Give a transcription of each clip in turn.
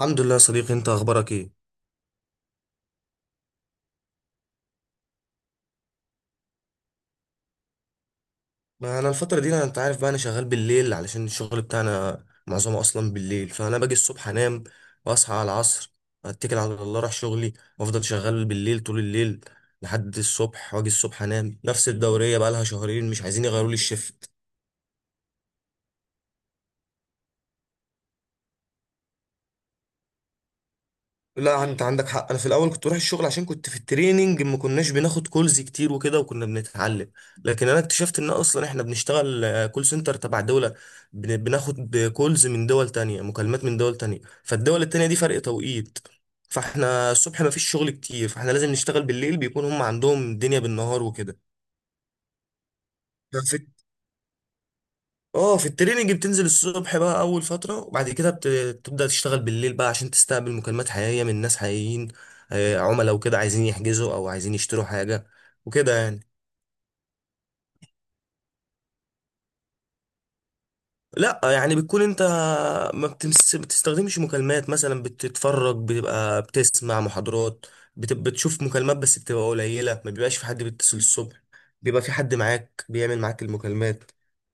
الحمد لله يا صديقي، انت اخبارك ايه؟ ما انا الفتره دي، انت عارف بقى، انا شغال بالليل علشان الشغل بتاعنا معظمه اصلا بالليل، فانا باجي الصبح انام واصحى على العصر، اتكل على الله اروح شغلي وافضل شغال بالليل طول الليل لحد الصبح، واجي الصبح انام. نفس الدوريه بقى لها شهرين، مش عايزين يغيروا لي الشفت. لا انت عندك حق، انا في الاول كنت بروح الشغل عشان كنت في التريننج، ما كناش بناخد كولز كتير وكده وكنا بنتعلم. لكن انا اكتشفت ان اصلا احنا بنشتغل كول سنتر تبع دولة. بناخد كولز من دول تانية، مكالمات من دول تانية، فالدول التانية دي فرق توقيت، فاحنا الصبح ما فيش شغل كتير، فاحنا لازم نشتغل بالليل، بيكون هم عندهم الدنيا بالنهار وكده. اه، في التريننج بتنزل الصبح بقى اول فتره، وبعد كده بتبدا تشتغل بالليل بقى عشان تستقبل مكالمات حقيقيه من ناس حقيقيين، عملاء وكده عايزين يحجزوا او عايزين يشتروا حاجه وكده يعني. لا يعني بتكون انت ما بتستخدمش مكالمات، مثلا بتتفرج، بتبقى بتسمع محاضرات، بتشوف مكالمات بس بتبقى قليلة، ما بيبقاش في حد بيتصل الصبح، بيبقى في حد معاك بيعمل معاك المكالمات.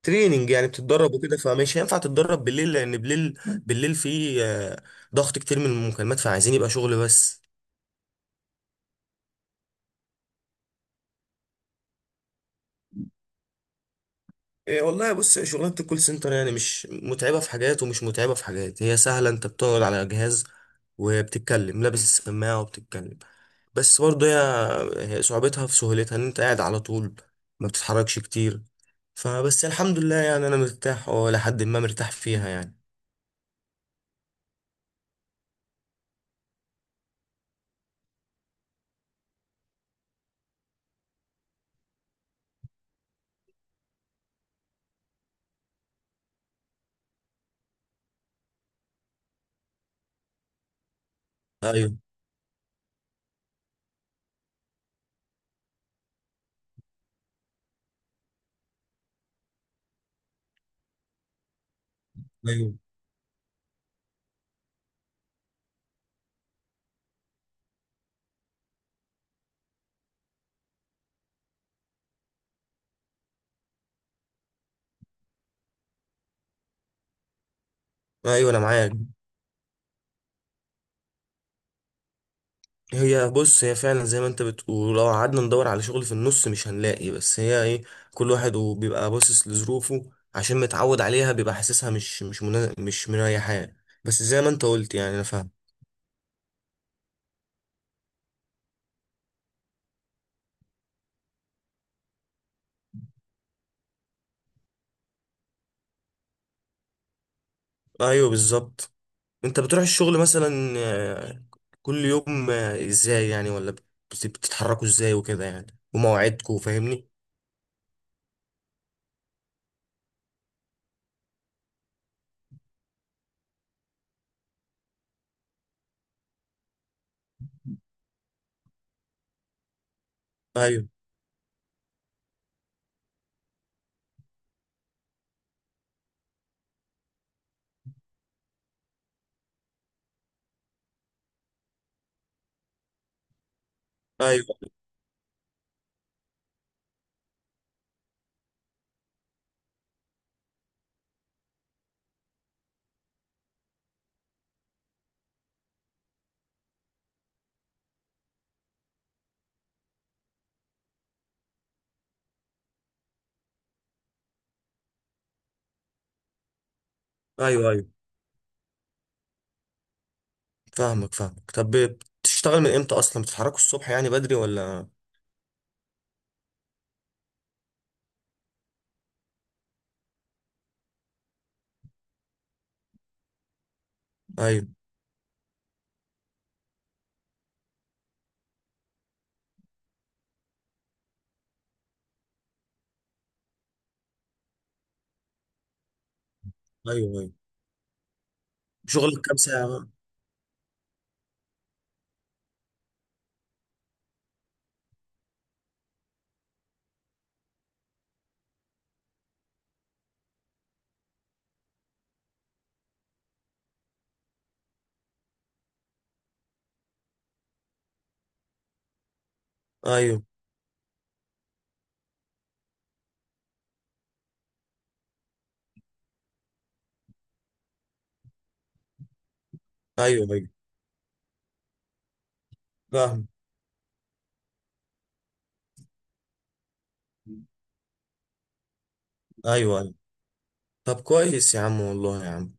تريننج يعني بتتدرب وكده، فمش هينفع تتدرب بالليل لان بالليل في ضغط كتير من المكالمات، فعايزين يبقى شغل بس. إيه والله، بص، شغلانة الكول سنتر يعني مش متعبة في حاجات ومش متعبة في حاجات، هي سهلة، انت بتقعد على جهاز وبتتكلم لابس السماعة وبتتكلم. بس برضه هي صعوبتها في سهولتها، ان انت قاعد على طول ما بتتحركش كتير. فبس الحمد لله يعني انا مرتاح، لحد ما مرتاح فيها يعني. ايوه. ايوه. ايوه، انا معاك. هي بص، هي فعلا زي ما انت بتقول، لو قعدنا ندور على شغل في النص مش هنلاقي. بس هي ايه، كل واحد وبيبقى باصص لظروفه، عشان متعود عليها بيبقى حاسسها مش مش مريحاه. بس زي ما انت قلت يعني انا فاهم. ايوه بالظبط. انت بتروح الشغل مثلا كل يوم، ازاي يعني؟ ولا بتتحركوا ازاي وكده يعني؟ ومواعيدكوا؟ فاهمني. ايوه. ايوه. ايوه. ايوه فاهمك فاهمك. طب بتشتغل من امتى اصلا؟ بتتحركوا الصبح يعني بدري ولا؟ ايوه. ايوه. ايوه. شغلك كام ساعة بقى؟ ايوه. ايوه. ايوه فاهم. ايوه ايوه. طب كويس يا عم، والله يا عم.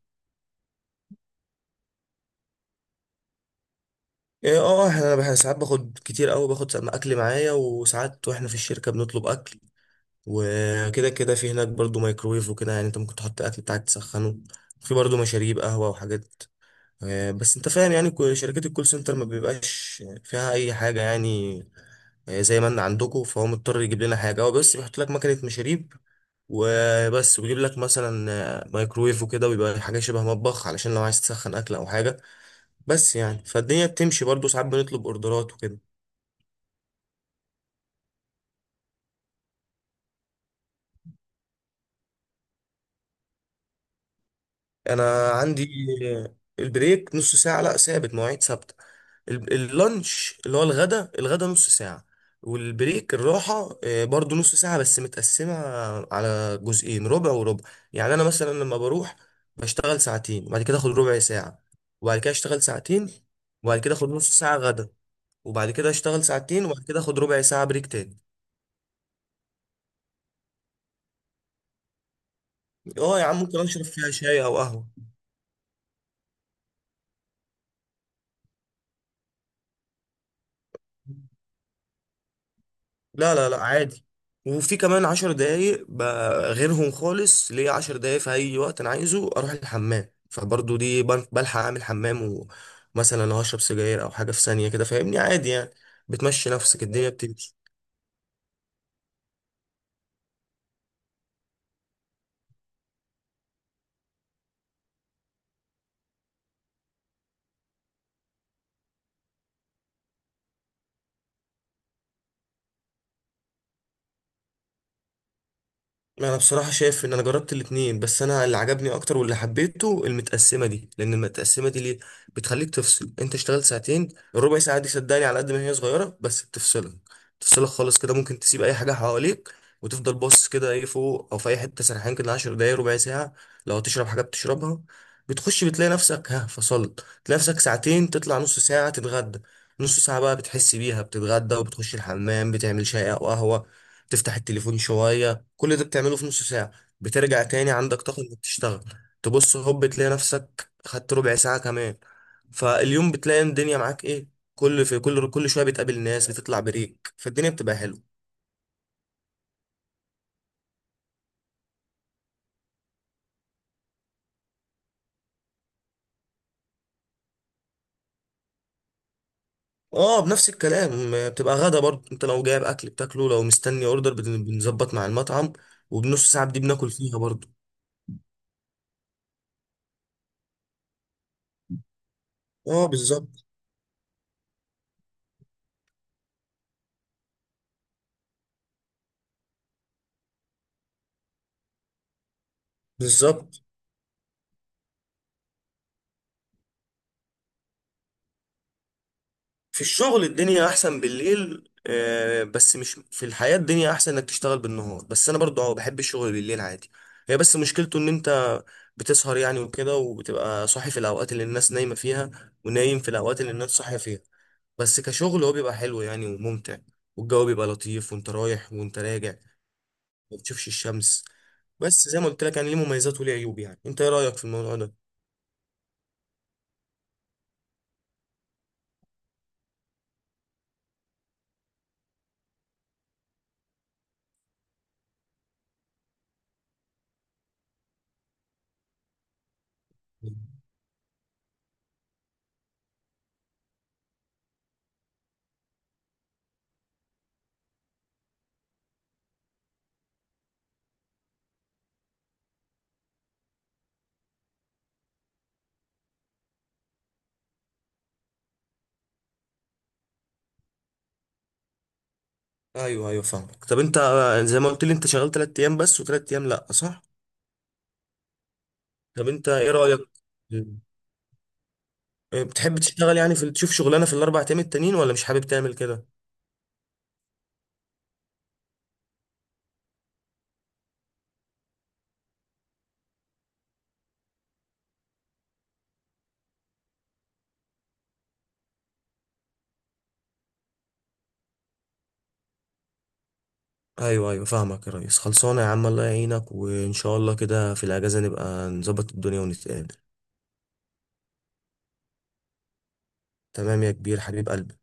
ايه؟ اه، احنا أنا ساعات باخد كتير قوي، باخد اكل معايا، وساعات واحنا في الشركة بنطلب اكل وكده كده. في هناك برضو مايكرويف وكده، يعني انت ممكن تحط اكل بتاعك تسخنه، في برضو مشاريب قهوة وحاجات. بس انت فاهم يعني شركات الكول سنتر ما بيبقاش فيها اي حاجة يعني، زي ما ان عندكم، فهو مضطر يجيب لنا حاجة، هو بس بيحط لك مكنة مشاريب وبس، ويجيب لك مثلا مايكرويف وكده، ويبقى حاجة شبه مطبخ علشان لو عايز تسخن أكل أو حاجة. بس يعني فالدنيا بتمشي، برضو ساعات بنطلب أوردرات وكده. أنا عندي البريك نص ساعة، لا ثابت، مواعيد ثابتة. ال- اللانش اللي هو الغدا، الغدا نص ساعة. والبريك الراحة برضو نص ساعة بس متقسمة على جزئين، ربع وربع. يعني أنا مثلا لما بروح بشتغل ساعتين وبعد كده أخد ربع ساعة، وبعد كده أشتغل ساعتين وبعد كده أخد نص ساعة غدا، وبعد كده أشتغل ساعتين وبعد كده أخد ربع ساعة بريك تاني. أه يا عم، ممكن أشرب فيها شاي أو قهوة. لا لا لا عادي، وفي كمان 10 دقايق غيرهم خالص، ليا 10 دقايق في أي وقت أنا عايزه أروح الحمام، فبرضو دي بلحق أعمل حمام. ومثلا لو هشرب سجاير أو حاجة في ثانية كده، فاهمني؟ عادي يعني، بتمشي نفسك، الدنيا بتمشي. انا بصراحه شايف ان انا جربت الاتنين، بس انا اللي عجبني اكتر واللي حبيته المتقسمه دي، لان المتقسمه دي ليه؟ بتخليك تفصل. انت اشتغلت ساعتين، الربع ساعه دي صدقني على قد ما هي صغيره بس بتفصلك خالص كده. ممكن تسيب اي حاجه حواليك وتفضل باصص كده ايه فوق او في اي حته سرحان كده، 10 دقايق، ربع ساعه. لو تشرب حاجه بتشربها، بتخش بتلاقي نفسك ها فصلت، تلاقي نفسك ساعتين، تطلع نص ساعه تتغدى. نص ساعه بقى بتحس بيها، بتتغدى وبتخش الحمام بتعمل شاي او قهوه، تفتح التليفون شويه. كل ده بتعمله في نص ساعة، بترجع تاني عندك طاقة انك تشتغل. تبص هوب تلاقي نفسك خدت ربع ساعة كمان. فاليوم بتلاقي الدنيا معاك ايه، كل في كل كل شوية بتقابل ناس، بتطلع بريك، فالدنيا بتبقى حلوة. اه بنفس الكلام، بتبقى غدا برضه. انت لو جايب اكل بتاكله، لو مستني اوردر بنظبط مع المطعم، وبنص ساعة دي بناكل فيها برضه. اه بالظبط. بالظبط. في الشغل الدنيا احسن بالليل، بس مش في الحياة، الدنيا احسن انك تشتغل بالنهار. بس انا برضو اه بحب الشغل بالليل عادي. هي بس مشكلته ان انت بتسهر يعني وكده، وبتبقى صاحي في الاوقات اللي الناس نايمة فيها، ونايم في الاوقات اللي الناس صاحية فيها. بس كشغل هو بيبقى حلو يعني وممتع، والجو بيبقى لطيف وانت رايح وانت راجع، ما بتشوفش الشمس. بس زي ما قلت لك يعني، ليه مميزات وليه عيوب، يعني انت ايه رأيك في الموضوع ده؟ ايوه. ايوه فاهمك. طب انت زي ما قلت لي انت شغال 3 ايام بس و3 ايام لا، صح؟ طب انت ايه رأيك؟ بتحب تشتغل يعني، في تشوف شغلانة في الاربع ايام التانيين ولا مش حابب تعمل كده؟ ايوه. ايوه فاهمك يا ريس. خلصانه يا عم، الله يعينك، وان شاء الله كده في الاجازه نبقى نظبط الدنيا ونتقابل. تمام يا كبير حبيب قلبي.